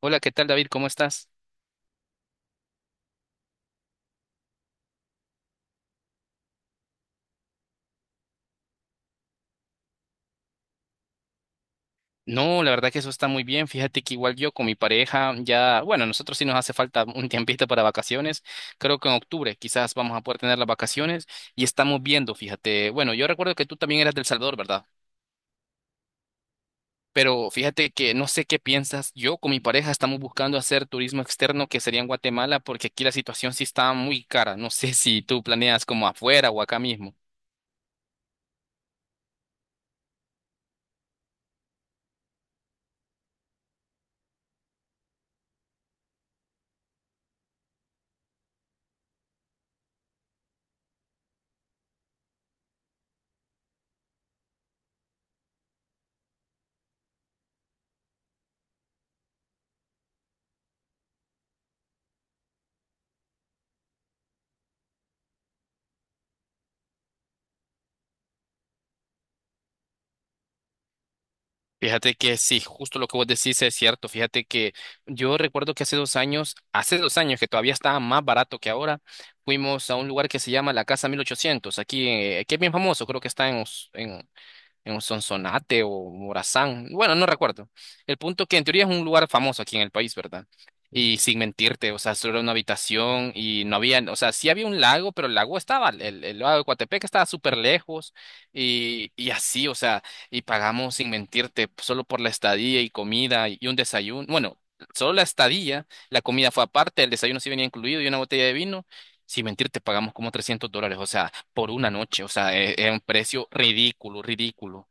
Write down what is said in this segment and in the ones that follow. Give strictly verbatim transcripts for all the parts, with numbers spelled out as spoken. Hola, ¿qué tal, David? ¿Cómo estás? No, la verdad que eso está muy bien. Fíjate que igual yo con mi pareja ya, bueno, nosotros sí nos hace falta un tiempito para vacaciones. Creo que en octubre quizás vamos a poder tener las vacaciones y estamos viendo, fíjate. Bueno, yo recuerdo que tú también eras del Salvador, ¿verdad? Pero fíjate que no sé qué piensas. Yo con mi pareja estamos buscando hacer turismo externo que sería en Guatemala porque aquí la situación sí está muy cara. No sé si tú planeas como afuera o acá mismo. Fíjate que sí, justo lo que vos decís es cierto. Fíjate que yo recuerdo que hace dos años, hace dos años que todavía estaba más barato que ahora, fuimos a un lugar que se llama la Casa mil ochocientos, aquí, eh, que es bien famoso, creo que está en, en un Sonsonate o Morazán, bueno, no recuerdo. El punto que en teoría es un lugar famoso aquí en el país, ¿verdad? Y sin mentirte, o sea, solo era una habitación y no había, o sea, sí había un lago, pero el lago estaba, el, el lago de Coatepec estaba súper lejos y, y así, o sea, y pagamos sin mentirte solo por la estadía y comida y un desayuno, bueno, solo la estadía, la comida fue aparte, el desayuno sí venía incluido y una botella de vino, sin mentirte pagamos como trescientos dólares, o sea, por una noche. O sea, es, es un precio ridículo, ridículo.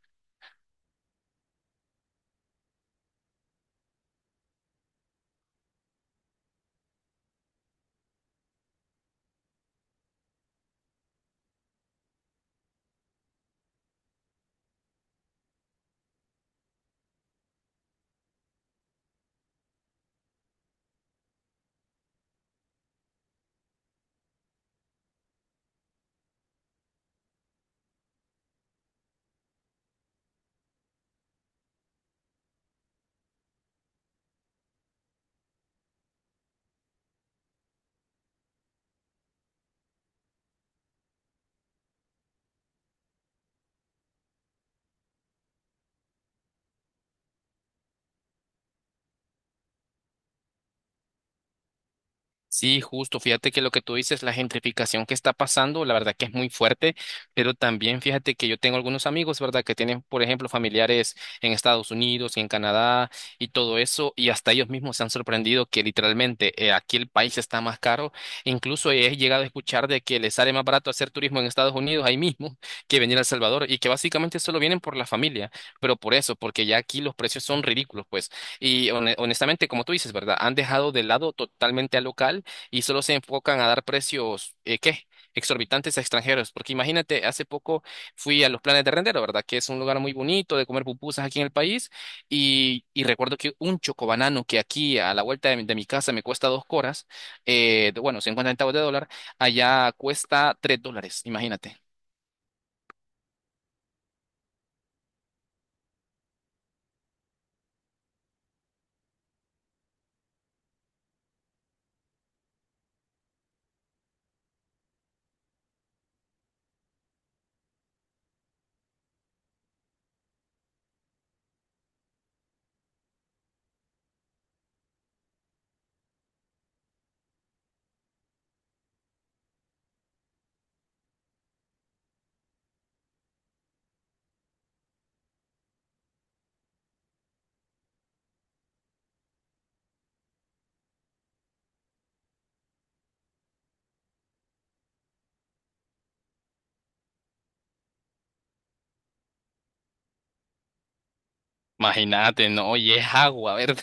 Sí, justo. Fíjate que lo que tú dices, la gentrificación que está pasando, la verdad que es muy fuerte, pero también fíjate que yo tengo algunos amigos, ¿verdad? Que tienen, por ejemplo, familiares en Estados Unidos y en Canadá y todo eso, y hasta ellos mismos se han sorprendido que literalmente eh, aquí el país está más caro. Incluso he llegado a escuchar de que les sale más barato hacer turismo en Estados Unidos ahí mismo que venir a El Salvador y que básicamente solo vienen por la familia, pero por eso, porque ya aquí los precios son ridículos, pues. Y hone- honestamente, como tú dices, ¿verdad? Han dejado de lado totalmente al local y solo se enfocan a dar precios, eh, ¿qué? Exorbitantes a extranjeros, porque imagínate, hace poco fui a los Planes de Rendero, ¿verdad? Que es un lugar muy bonito de comer pupusas aquí en el país, y, y recuerdo que un chocobanano que aquí a la vuelta de mi, de mi casa me cuesta dos coras, eh, de- bueno, cincuenta centavos de dólar, allá cuesta tres dólares, imagínate. Imagínate, no, y es agua, ¿verdad?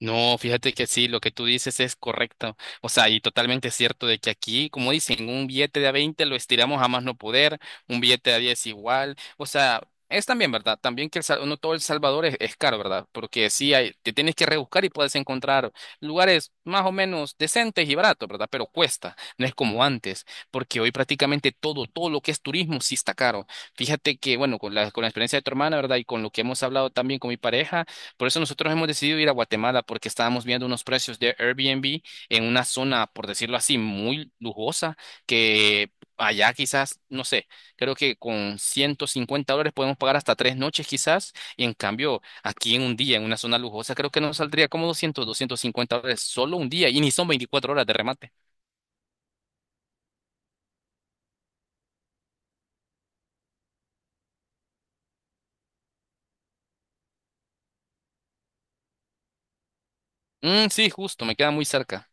No, fíjate que sí, lo que tú dices es correcto. O sea, y totalmente cierto de que aquí, como dicen, un billete de a veinte lo estiramos a más no poder, un billete de a diez igual. O sea, es también verdad, también que el, Sal- no todo El Salvador es, es caro, ¿verdad? Porque sí, hay, te tienes que rebuscar y puedes encontrar lugares más o menos decentes y baratos, ¿verdad? Pero cuesta, no es como antes, porque hoy prácticamente todo, todo lo que es turismo sí está caro. Fíjate que, bueno, con la, con la experiencia de tu hermana, ¿verdad? Y con lo que hemos hablado también con mi pareja. Por eso nosotros hemos decidido ir a Guatemala porque estábamos viendo unos precios de Airbnb en una zona, por decirlo así, muy lujosa, que allá quizás, no sé, creo que con ciento cincuenta dólares podemos pagar hasta tres noches quizás, y en cambio aquí en un día, en una zona lujosa, creo que nos saldría como doscientos, doscientos cincuenta dólares solo un día, y ni son veinticuatro horas de remate. Mm, sí, justo, me queda muy cerca.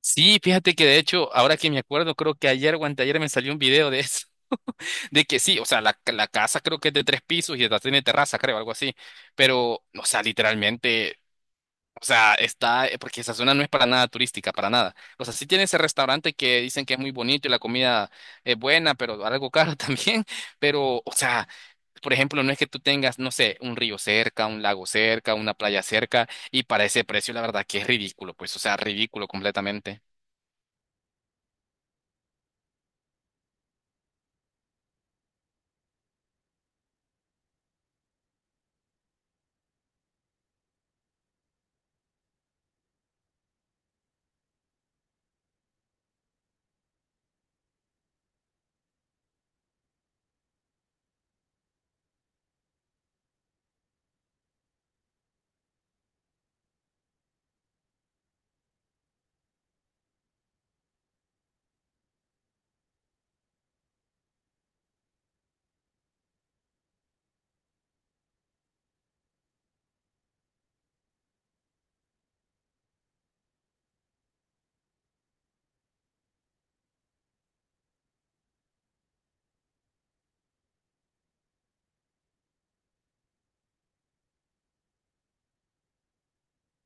Sí, fíjate que de hecho, ahora que me acuerdo, creo que ayer o anteayer me salió un video de eso. De que sí, o sea, la, la casa creo que es de tres pisos y hasta tiene terraza, creo, algo así. Pero, o sea, literalmente, o sea, está, eh, porque esa zona no es para nada turística, para nada. O sea, sí tiene ese restaurante que dicen que es muy bonito y la comida es buena, pero algo caro también. Pero, o sea, por ejemplo, no es que tú tengas, no sé, un río cerca, un lago cerca, una playa cerca, y para ese precio, la verdad que es ridículo, pues, o sea, ridículo completamente.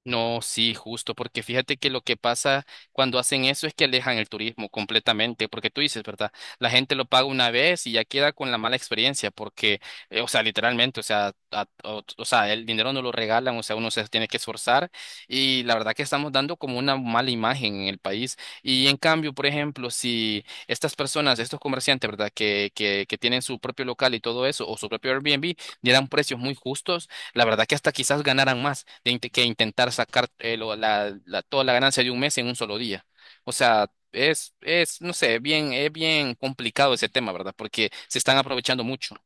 No, sí, justo, porque fíjate que lo que pasa cuando hacen eso es que alejan el turismo completamente, porque tú dices, ¿verdad? La gente lo paga una vez y ya queda con la mala experiencia, porque, eh, o sea, literalmente, o sea, a- o, o sea, el dinero no lo regalan, o sea, uno se tiene que esforzar y la verdad que estamos dando como una mala imagen en el país. Y en cambio, por ejemplo, si estas personas, estos comerciantes, ¿verdad? Que, que, que tienen su propio local y todo eso, o su propio Airbnb, dieran precios muy justos la verdad que hasta quizás ganaran más de int- que intentar sacar eh, lo- la, la- toda la ganancia de un mes en un solo día. O sea, es, es, no sé, bien, es bien complicado ese tema, ¿verdad? Porque se están aprovechando mucho.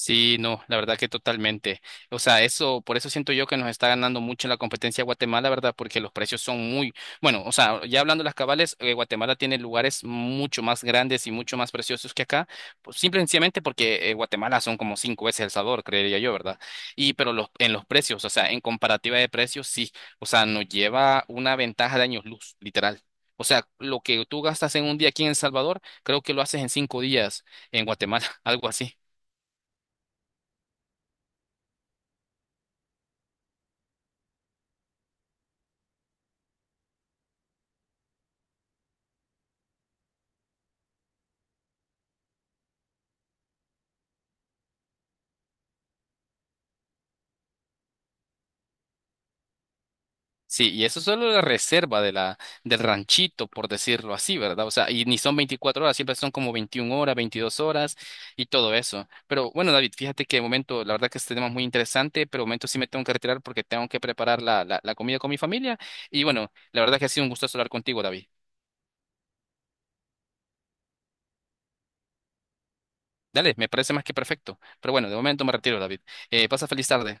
Sí, no, la verdad que totalmente. O sea, eso, por eso siento yo que nos está ganando mucho la competencia Guatemala, ¿verdad? Porque los precios son muy, bueno, o sea, ya hablando de las cabales, eh, Guatemala tiene lugares mucho más grandes y mucho más preciosos que acá, pues, simple y sencillamente porque eh, Guatemala son como cinco veces El Salvador, creería yo, ¿verdad? Y pero los, en los precios, o sea, en comparativa de precios, sí, o sea, nos lleva una ventaja de años luz, literal. O sea, lo que tú gastas en un día aquí en El Salvador, creo que lo haces en cinco días en Guatemala, algo así. Sí, y eso es solo la reserva de la, del ranchito, por decirlo así, ¿verdad? O sea, y ni son veinticuatro horas, siempre son como veintiuna horas, veintidós horas y todo eso. Pero bueno, David, fíjate que de momento, la verdad que este tema es muy interesante, pero de momento sí me tengo que retirar porque tengo que preparar la, la, la comida con mi familia. Y bueno, la verdad que ha sido un gusto hablar contigo, David. Dale, me parece más que perfecto. Pero bueno, de momento me retiro, David. Eh, pasa feliz tarde.